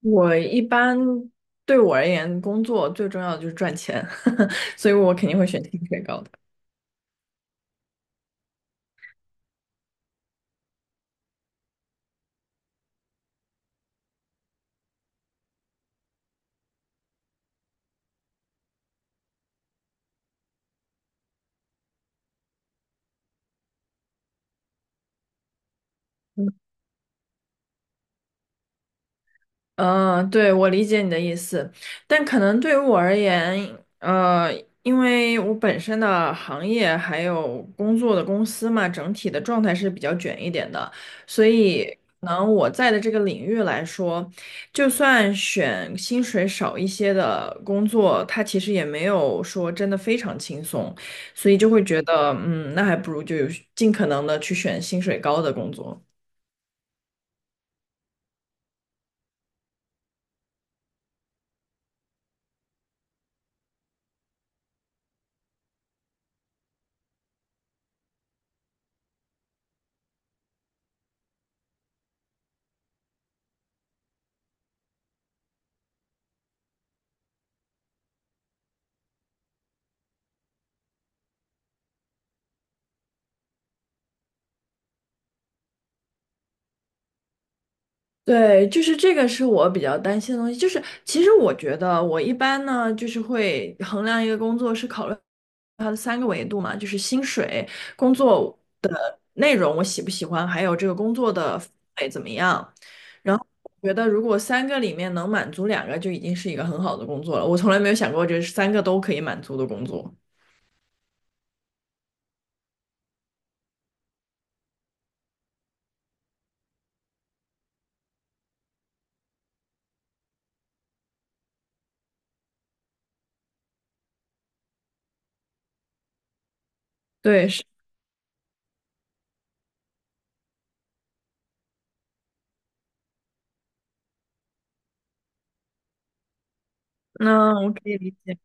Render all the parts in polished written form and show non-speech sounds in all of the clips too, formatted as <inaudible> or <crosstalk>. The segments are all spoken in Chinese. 我一般对我而言，工作最重要的就是赚钱，<laughs> 所以我肯定会选薪水高的。嗯，对，我理解你的意思，但可能对于我而言，因为我本身的行业还有工作的公司嘛，整体的状态是比较卷一点的，所以可能我在的这个领域来说，就算选薪水少一些的工作，它其实也没有说真的非常轻松，所以就会觉得，那还不如就尽可能的去选薪水高的工作。对，就是这个是我比较担心的东西。就是其实我觉得我一般呢，就是会衡量一个工作是考虑它的三个维度嘛，就是薪水、工作的内容我喜不喜欢，还有这个工作的氛围怎么样。然后我觉得如果三个里面能满足两个，就已经是一个很好的工作了。我从来没有想过这是三个都可以满足的工作。对，是，那我可以理解。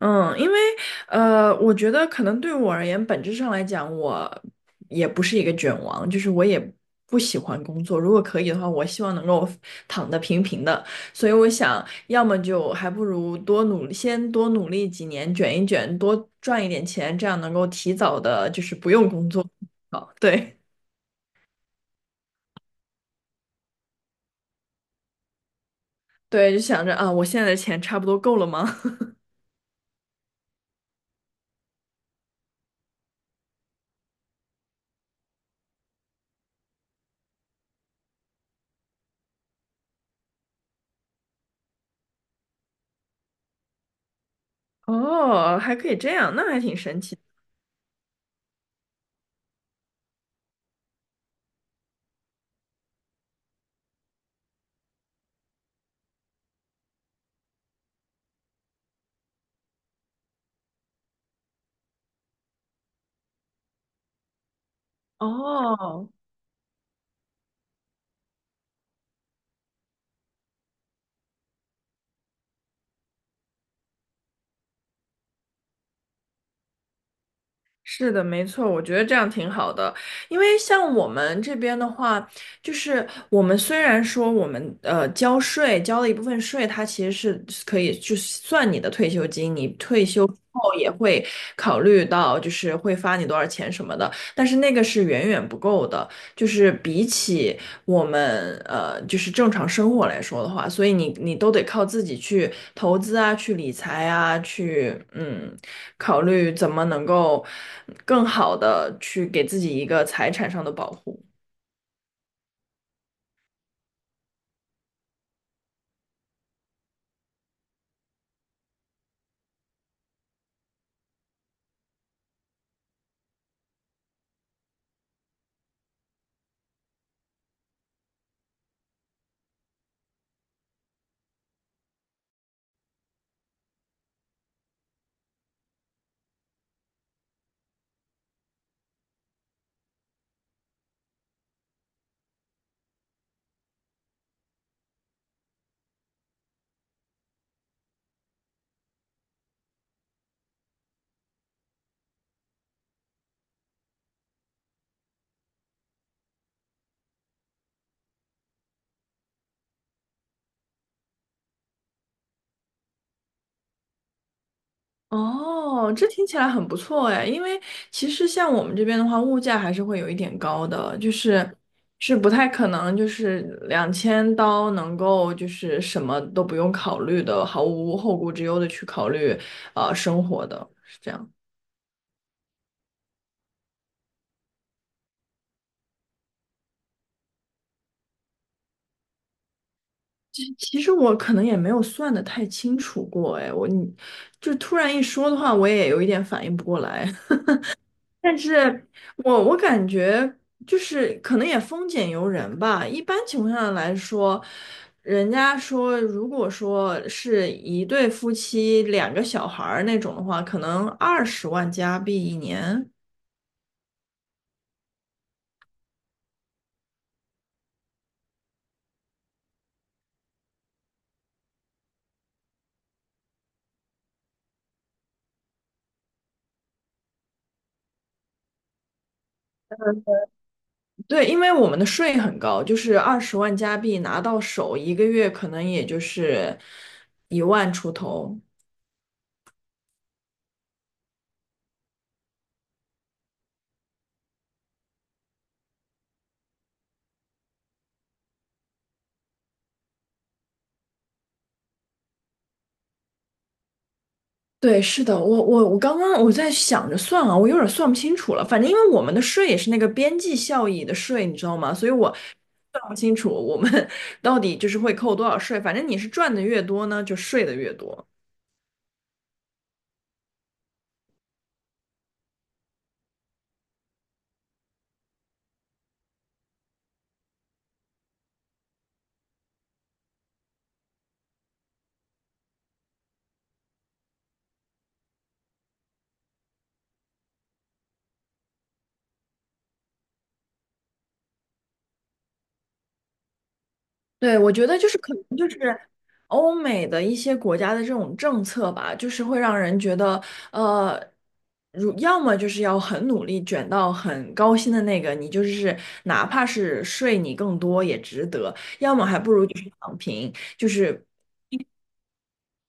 嗯，因为我觉得可能对我而言，本质上来讲，我也不是一个卷王，就是我也不喜欢工作。如果可以的话，我希望能够躺得平平的。所以我想，要么就还不如多努力先多努力几年，卷一卷，多赚一点钱，这样能够提早的，就是不用工作。好，对对，就想着啊，我现在的钱差不多够了吗？<laughs> 哦，还可以这样，那还挺神奇的。哦，是的，没错，我觉得这样挺好的，因为像我们这边的话，就是我们虽然说我们交税交了一部分税，它其实是可以就算你的退休金，你退休之后也会考虑到就是会发你多少钱什么的，但是那个是远远不够的。就是比起我们就是正常生活来说的话，所以你都得靠自己去投资啊，去理财啊，去考虑怎么能够更好的去给自己一个财产上的保护。哦，这听起来很不错哎，因为其实像我们这边的话，物价还是会有一点高的，就是是不太可能就是2000刀能够就是什么都不用考虑的，毫无后顾之忧的去考虑生活的，是这样。其实我可能也没有算的太清楚过哎，你就突然一说的话，我也有一点反应不过来。但是我感觉就是可能也丰俭由人吧。一般情况下来说，人家说如果说是一对夫妻两个小孩儿那种的话，可能二十万加币一年。对，因为我们的税很高，就是二十万加币拿到手，一个月可能也就是1万出头。对，是的，我刚刚在想着算啊，我有点算不清楚了。反正因为我们的税也是那个边际效益的税，你知道吗？所以我算不清楚我们 <laughs> 到底就是会扣多少税。反正你是赚的越多呢，就税的越多。对，我觉得就是可能就是欧美的一些国家的这种政策吧，就是会让人觉得，呃，要么就是要很努力卷到很高薪的那个，你就是哪怕是税你更多也值得；要么还不如就是躺平，就是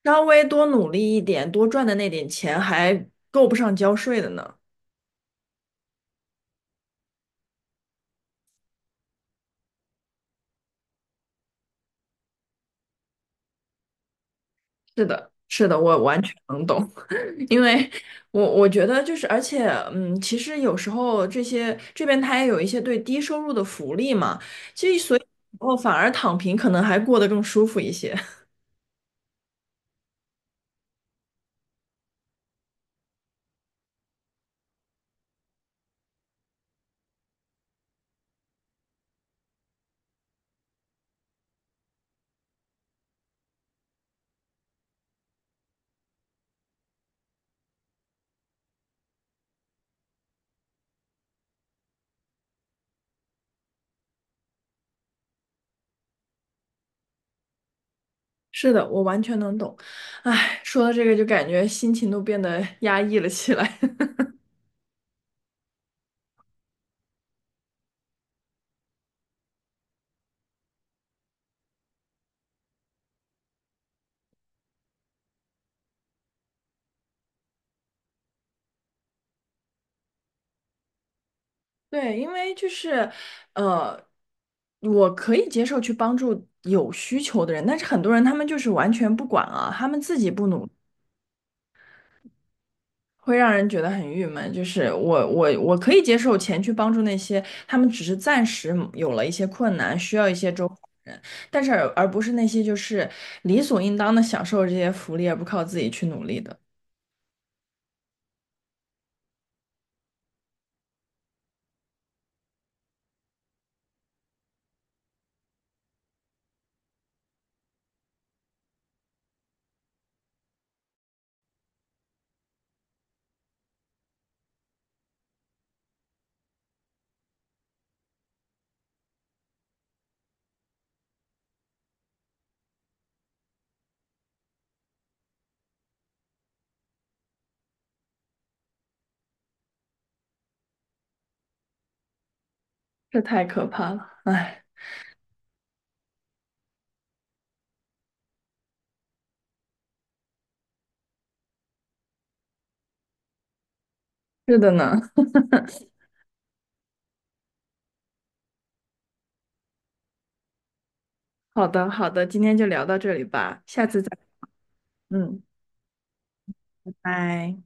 稍微多努力一点，多赚的那点钱还够不上交税的呢。是的，是的，我完全能懂。因为我觉得就是，而且其实有时候这些这边他也有一些对低收入的福利嘛，其实所以哦，反而躺平可能还过得更舒服一些。<laughs> 是的，我完全能懂。唉，说到这个就感觉心情都变得 <laughs> 压抑了起来。<laughs> 对，因为就是，呃，我可以接受去帮助有需求的人，但是很多人他们就是完全不管啊，他们自己不努力，会让人觉得很郁闷，就是我可以接受钱去帮助那些他们只是暂时有了一些困难，需要一些周的人，但是而不是那些就是理所应当的享受这些福利而不靠自己去努力的，这太可怕了。哎，是的呢。<laughs> 好的好的，今天就聊到这里吧，下次再，嗯，拜拜。